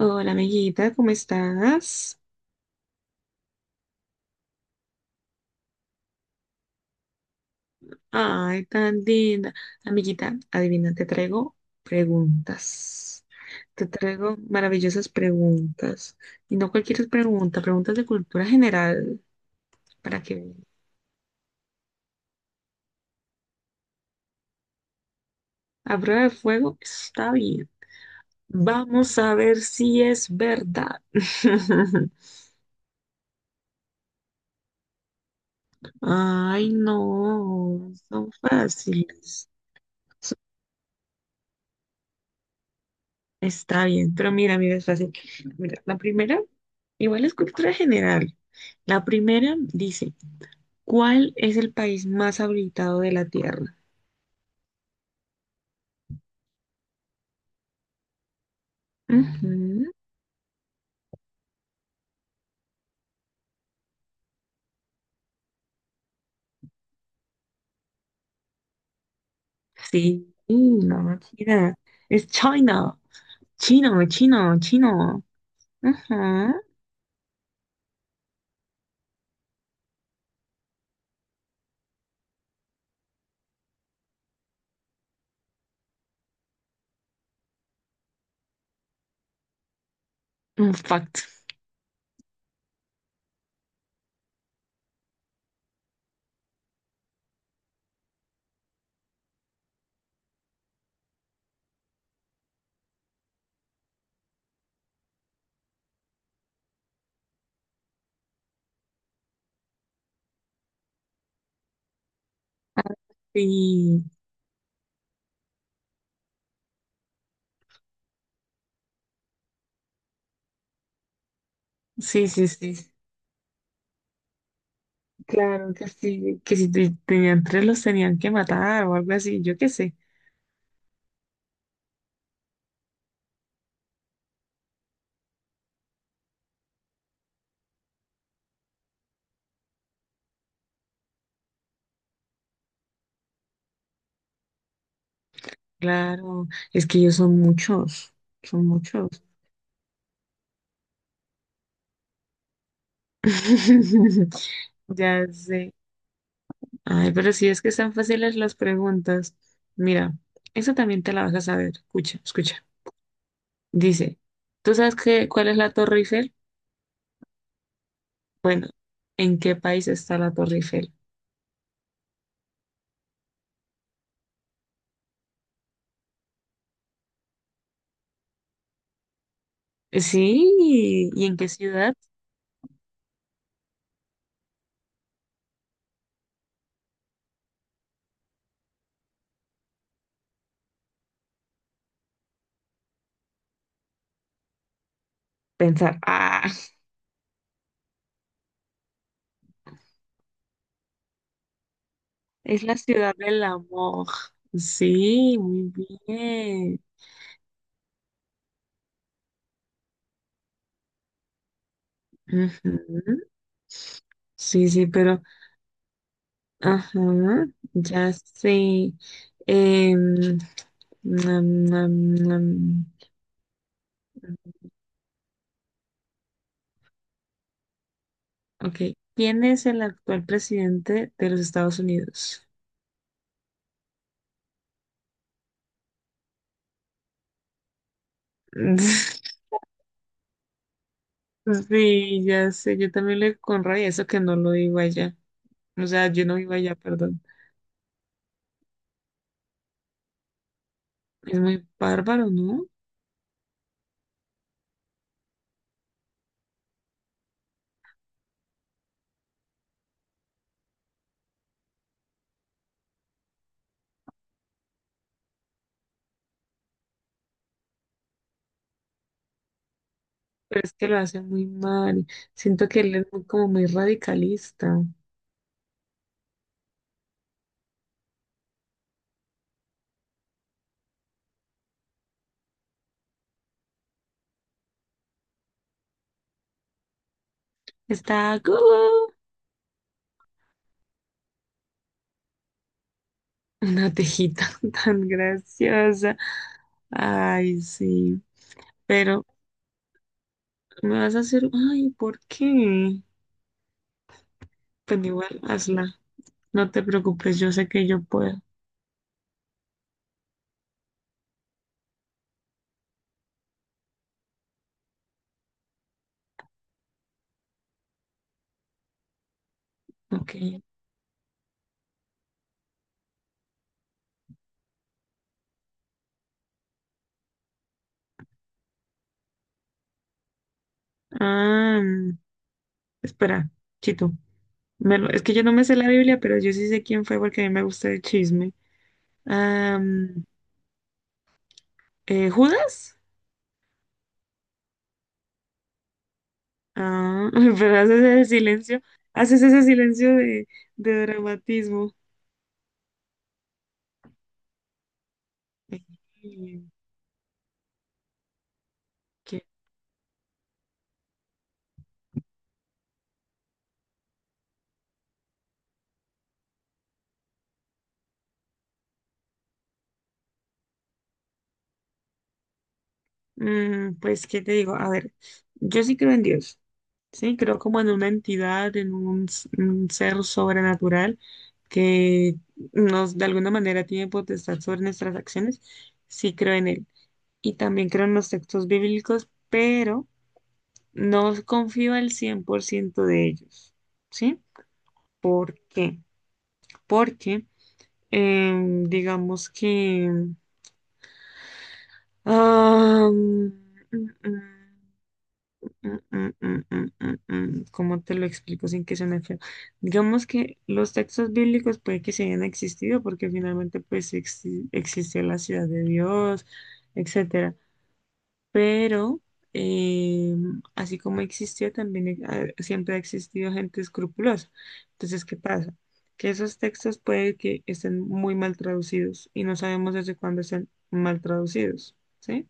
Hola, amiguita, ¿cómo estás? Ay, tan linda. Amiguita, adivina, te traigo preguntas. Te traigo maravillosas preguntas. Y no cualquier pregunta, preguntas de cultura general para que veas. A prueba de fuego está bien. Vamos a ver si es verdad. Ay, no, son fáciles. Son- Está bien, pero mira, mira, es fácil. Mira, la primera, igual es cultura general. La primera dice, ¿cuál es el país más habitado de la Tierra? Ujú. Sí, no, mentira. Es China. Chino, chino, chino. Ajá. Un fact. Sí, sí, sí, sí. Claro que sí. Que si tenían tres los tenían que matar o algo así, yo qué sé. Claro, es que ellos son muchos, son muchos. Ya sé. Ay, pero si es que están fáciles las preguntas. Mira, eso también te la vas a saber. Escucha, escucha. Dice, ¿tú sabes qué, cuál es la Torre Eiffel? Bueno, ¿en qué país está la Torre Eiffel? Sí, ¿y en qué ciudad? Pensar, ah, es la ciudad del amor. Sí, muy bien. Ujú. Sí, sí, pero, ajá, ya sé. Em, nam, nam, nam. Ok. ¿Quién es el actual presidente de los Estados Unidos? Sí, ya sé, yo también le con rabia eso que no lo digo allá. O sea, yo no vivo allá, perdón. Es muy bárbaro, ¿no? Pero es que lo hace muy mal. Siento que él es como muy radicalista. Está como una tejita tan graciosa. Ay, sí. Pero me vas a hacer, ay, ¿por qué? Pues igual, hazla. No te preocupes, yo sé que yo puedo. Ok. Ah, espera, Chito. Es que yo no me sé la Biblia, pero yo sí sé quién fue porque a mí me gusta el chisme. Am, ¿Judas? Ah, pero haces ese silencio de, dramatismo. ¿Eh, qué? Mm, pues, ¿qué te digo? A ver, yo sí creo en Dios, sí, creo como en una entidad, en un, un ser sobrenatural que nos, de alguna manera, tiene potestad sobre nuestras acciones. Sí creo en él y también creo en los textos bíblicos, pero no confío al 100% de ellos, ¿sí? ¿Por qué? Porque, digamos que ah, mm, mm, mm, mm, mm, mm, mm, mm, ¿cómo te lo explico sin que suene feo? Digamos que los textos bíblicos puede que se hayan existido porque finalmente pues existió la ciudad de Dios, etcétera, pero eh, así como existió, también siempre ha existido gente escrupulosa. Entonces, ¿qué pasa? Que esos textos puede que estén muy mal traducidos y no sabemos desde cuándo están mal traducidos, ¿sí?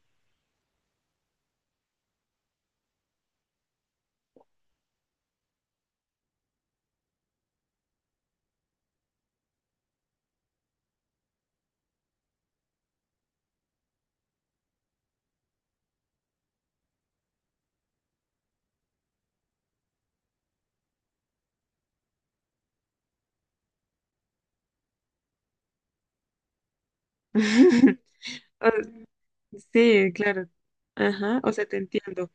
O- Sí, claro. Ajá, o sea, te entiendo.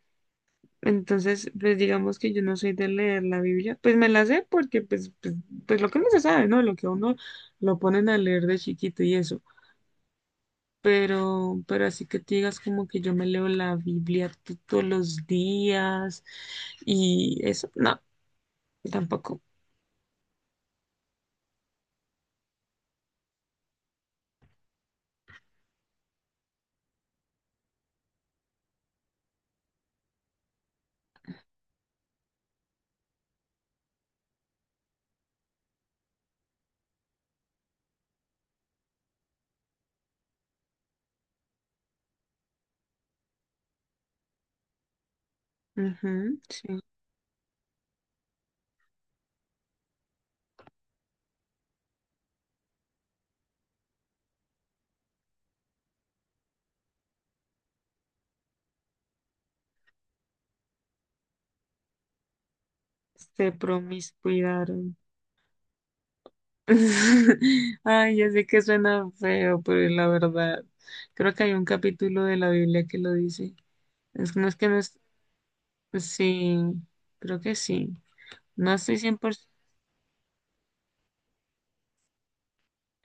Entonces, pues digamos que yo no soy de leer la Biblia, pues me la sé porque pues lo que uno se sabe, ¿no? Lo que a uno lo ponen a leer de chiquito y eso. Pero así que te digas como que yo me leo la Biblia todos los días y eso, no, tampoco. Ujú, sí, se promiscuidaron. Ay, ya sé que suena feo, pero la verdad, creo que hay un capítulo de la Biblia que lo dice. Es, no es que no es, sí, creo que sí. No estoy 100%.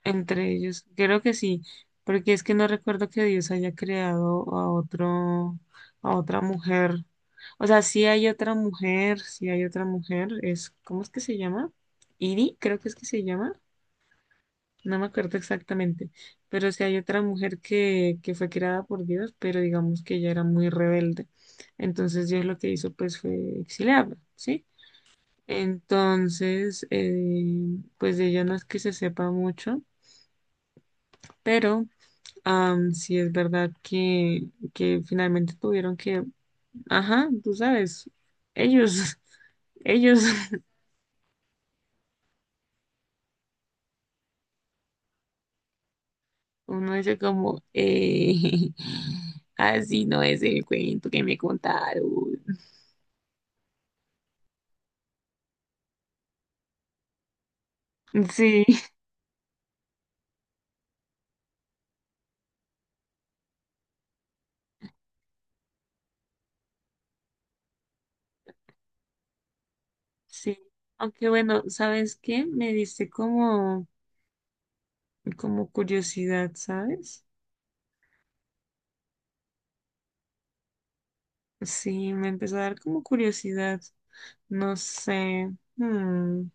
Entre ellos, creo que sí, porque es que no recuerdo que Dios haya creado a otro, a otra mujer. O sea, sí hay otra mujer, sí hay otra mujer, es, ¿cómo es que se llama? Iri, creo que es que se llama, no me acuerdo exactamente, pero sí hay otra mujer que fue creada por Dios, pero digamos que ella era muy rebelde. Entonces Dios lo que hizo pues fue exiliarla, ¿sí? Entonces, pues de ella no es que se sepa mucho, pero sí es verdad que, finalmente tuvieron que, ajá, tú sabes, ellos, ellos, uno dice como, así no es el cuento que me contaron. Sí, sí. Aunque bueno, ¿sabes qué? Me diste como, curiosidad, ¿sabes? Sí, me empezó a dar como curiosidad. No sé. Hmm,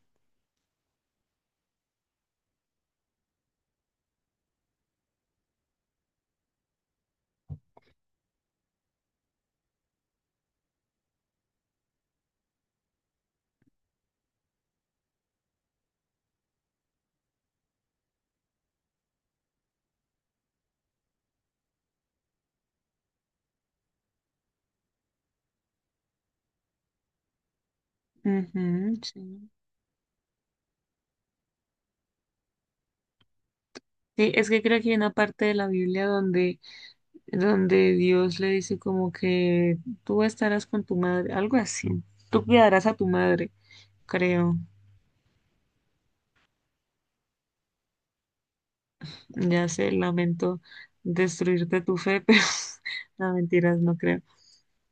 ujú, sí. Sí, es que creo que hay una parte de la Biblia donde Dios le dice como que tú estarás con tu madre, algo así. Tú cuidarás a tu madre, creo. Ya sé, lamento destruirte tu fe, pero no, mentiras, no creo.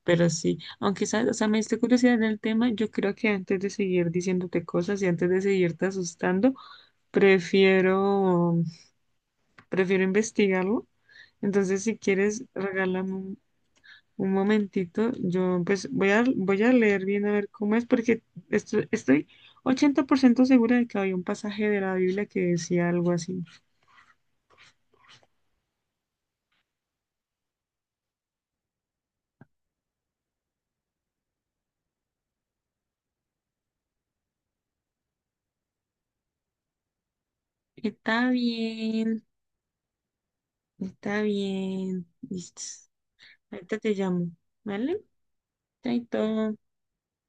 Pero sí, aunque sabes, o sea, me diste curiosidad en el tema, yo creo que antes de seguir diciéndote cosas y antes de seguirte asustando, prefiero, prefiero investigarlo. Entonces, si quieres, regálame un momentito, yo pues voy a leer bien a ver cómo es, porque estoy 80% segura de que había un pasaje de la Biblia que decía algo así. Está bien, está bien. Listo. Ahorita te llamo, ¿vale? Chaito.